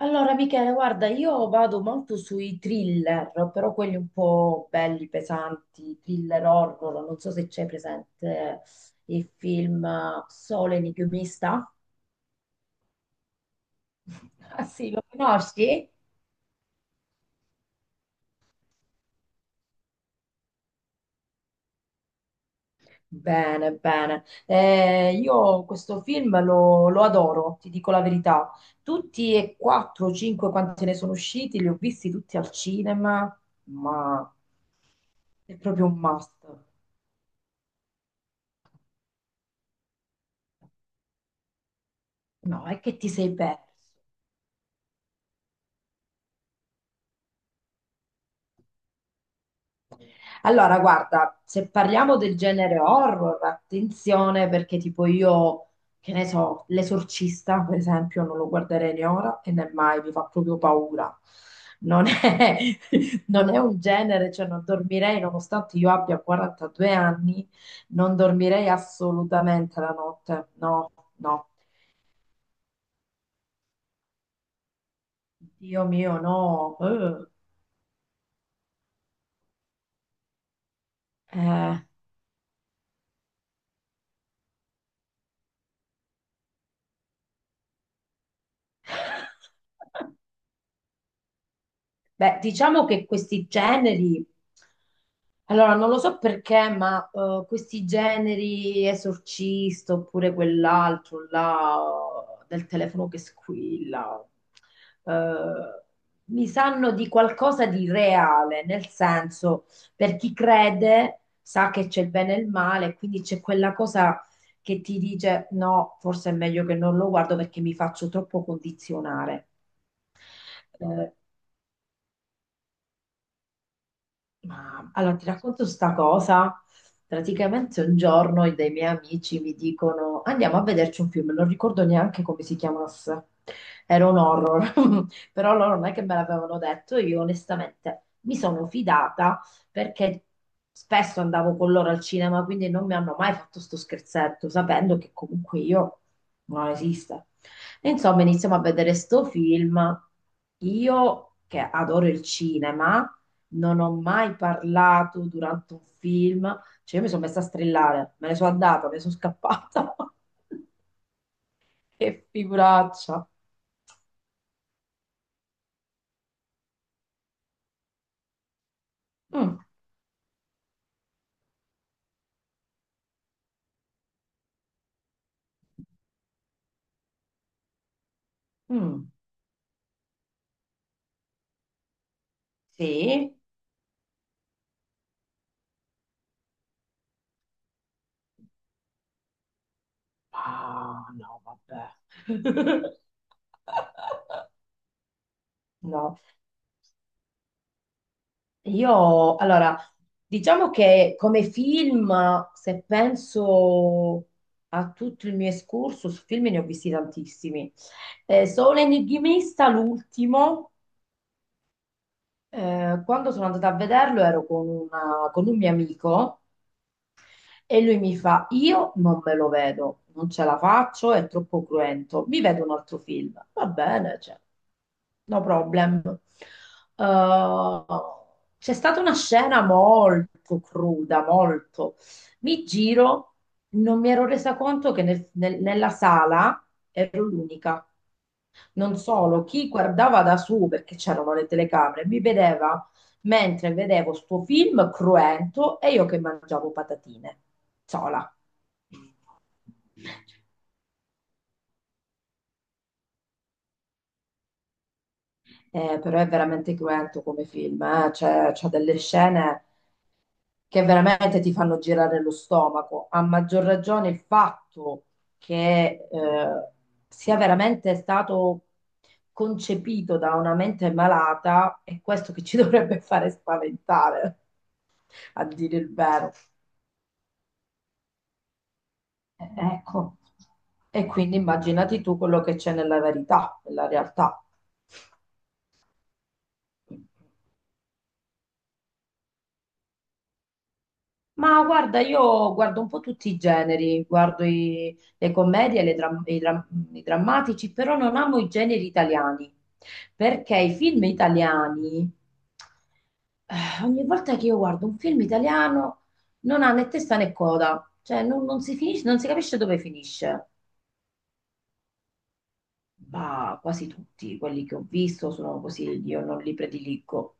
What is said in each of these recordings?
Allora, Michele, guarda, io vado molto sui thriller, però quelli un po' belli, pesanti, thriller horror. Non so se c'è presente il film Sole enigmista. Ah sì, lo conosci? Bene, bene. Io questo film lo adoro, ti dico la verità. Tutti e quattro, cinque, quanti ne sono usciti, li ho visti tutti al cinema, ma è proprio un must. No, è che ti sei perso. Allora, guarda, se parliamo del genere horror, attenzione perché tipo io, che ne so, L'Esorcista, per esempio, non lo guarderei né ora e né mai, mi fa proprio paura. Non è, Non è un genere, cioè non dormirei, nonostante io abbia 42 anni, non dormirei assolutamente la notte. No, no. Dio mio, no. Eh. Beh, diciamo che questi generi, allora non lo so perché, ma questi generi esorcista oppure quell'altro là del telefono che squilla, eh, mi sanno di qualcosa di reale, nel senso, per chi crede sa che c'è il bene e il male, quindi c'è quella cosa che ti dice no, forse è meglio che non lo guardo perché mi faccio troppo condizionare. Eh, Ma allora ti racconto sta cosa. Praticamente un giorno dei miei amici mi dicono andiamo a vederci un film, non ricordo neanche come si chiamasse. Era un horror, però loro non è che me l'avevano detto, io onestamente mi sono fidata perché spesso andavo con loro al cinema, quindi non mi hanno mai fatto sto scherzetto, sapendo che comunque io non esiste. E insomma, iniziamo a vedere sto film. Io che adoro il cinema, non ho mai parlato durante un film, cioè io mi sono messa a strillare, me ne sono andata, me ne sono scappata. Che figuraccia. Mm, mm, sì. Ah, no, vabbè. No, io allora diciamo che come film, se penso a tutto il mio excursus, film ne ho visti tantissimi. Solo Enigmista, l'ultimo, quando sono andata a vederlo ero con, con un mio amico. E lui mi fa, io non me lo vedo, non ce la faccio, è troppo cruento, mi vedo un altro film. Va bene, cioè, no problem. Eh, c'è stata una scena molto cruda, molto. Mi giro, non mi ero resa conto che nella sala ero l'unica. Non solo, chi guardava da su, perché c'erano le telecamere, mi vedeva mentre vedevo sto film cruento e io che mangiavo patatine, sola. Però è veramente cruento come film, c'ha delle scene che veramente ti fanno girare lo stomaco. A maggior ragione il fatto che sia veramente stato concepito da una mente malata è questo che ci dovrebbe fare spaventare, a dire il vero. Ecco, e quindi immaginati tu quello che c'è nella verità, nella realtà. Ma guarda, io guardo un po' tutti i generi, guardo le commedie, le dram- i drammatici, però non amo i generi italiani, perché i film italiani, ogni volta che io guardo un film italiano, non ha né testa né coda, cioè non si finisce, non si capisce dove finisce. Ma quasi tutti quelli che ho visto sono così, io non li prediligo.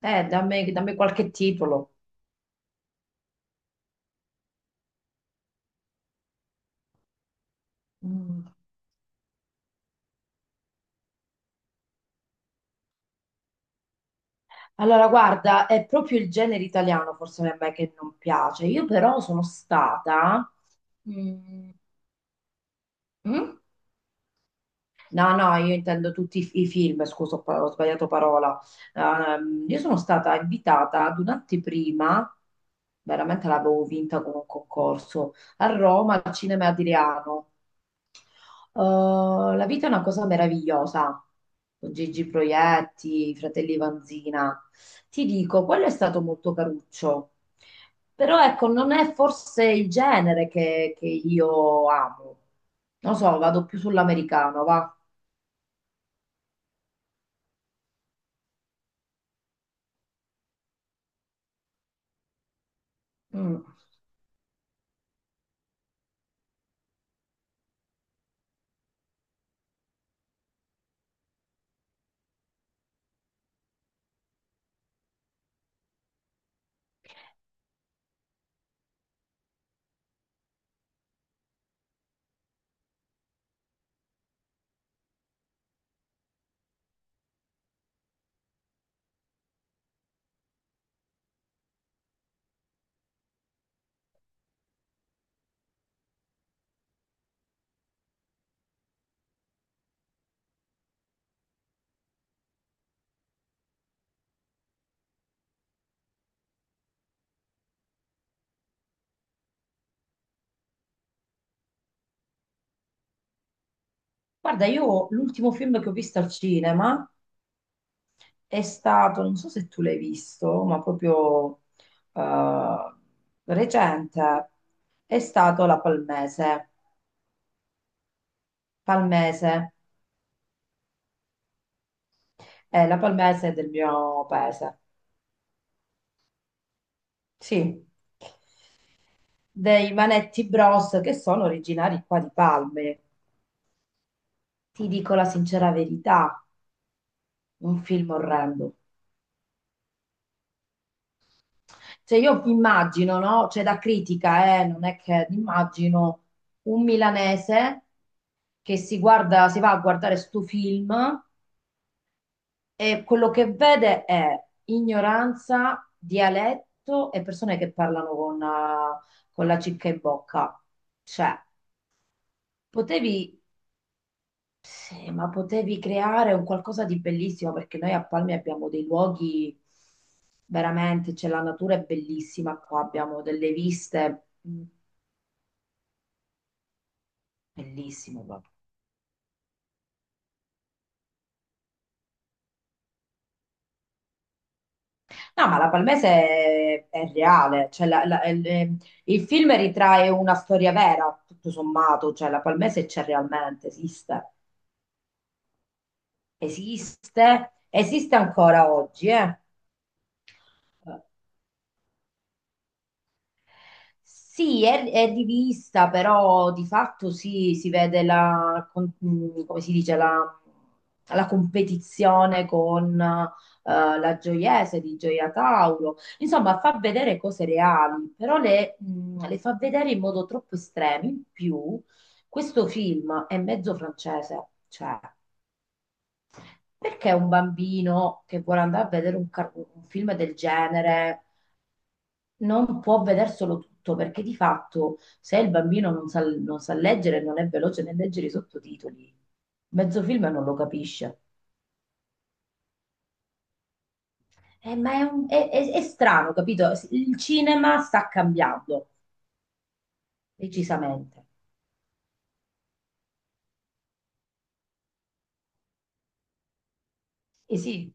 Dammi qualche titolo. Mm. Allora, guarda, è proprio il genere italiano forse a me che non piace. Io però sono stata... Mm. Mm? No, no, io intendo tutti i film, scusa, ho sbagliato parola. Io sono stata invitata ad un'anteprima, veramente l'avevo vinta con un concorso, a Roma, al Cinema Adriano. Oh, la vita è una cosa meravigliosa. Con Gigi Proietti, i fratelli Vanzina. Ti dico, quello è stato molto caruccio. Però ecco, non è forse il genere che io amo. Non so, vado più sull'americano, va. Mm. Guarda, io l'ultimo film che ho visto al cinema è stato, non so se tu l'hai visto, ma proprio eh, recente, è stato La Palmese. Palmese. La palmese è del mio paese, sì, dei Manetti Bros che sono originari qua di Palme. Ti dico la sincera verità, un film orrendo. Cioè io immagino, no? Cioè da critica, non è che immagino un milanese che si guarda, si va a guardare sto film e quello che vede è ignoranza, dialetto e persone che parlano con la cicca in bocca. Cioè, potevi, sì, ma potevi creare un qualcosa di bellissimo perché noi a Palmi abbiamo dei luoghi veramente, c'è la natura è bellissima qua, abbiamo delle viste mm, bellissime proprio. No, ma la Palmese è reale, cioè il film ritrae una storia vera, tutto sommato, cioè la Palmese c'è realmente, esiste, esiste, esiste ancora oggi, eh. Eh, Sì, è di vista, però di fatto sì, si vede la, come si dice, la competizione con la Gioiese di Gioia Tauro. Insomma, fa vedere cose reali, però le fa vedere in modo troppo estremo. In più, questo film è mezzo francese, cioè, perché un bambino che vuole andare a vedere un film del genere? Non può vedere solo tutto, perché di fatto se il bambino non sa leggere, non è veloce nel leggere i sottotitoli, mezzo film non lo capisce. Ma è, un- è strano, capito? Il cinema sta cambiando decisamente. E sì,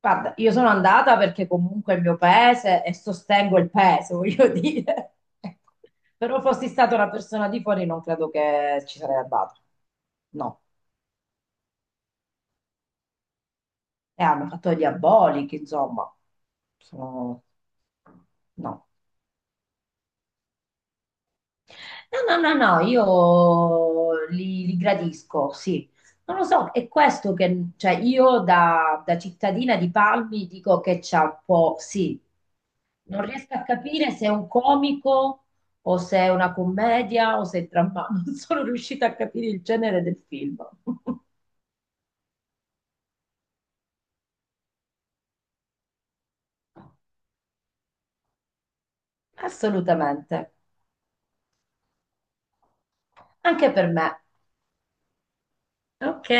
guarda, io sono andata perché comunque è il mio paese e sostengo il paese, voglio dire. Ecco. Però fossi stata una persona di fuori non credo che ci sarei andata. No. Hanno fatto gli abolichi, insomma. Sono- No. No, no, no, no, io li gradisco, sì. Non lo so, è questo che, cioè, io da cittadina di Palmi dico che c'è un po', sì, non riesco a capire se è un comico o se è una commedia o se è dramma, non sono riuscita a capire il genere del film. Assolutamente, anche per me. Ok.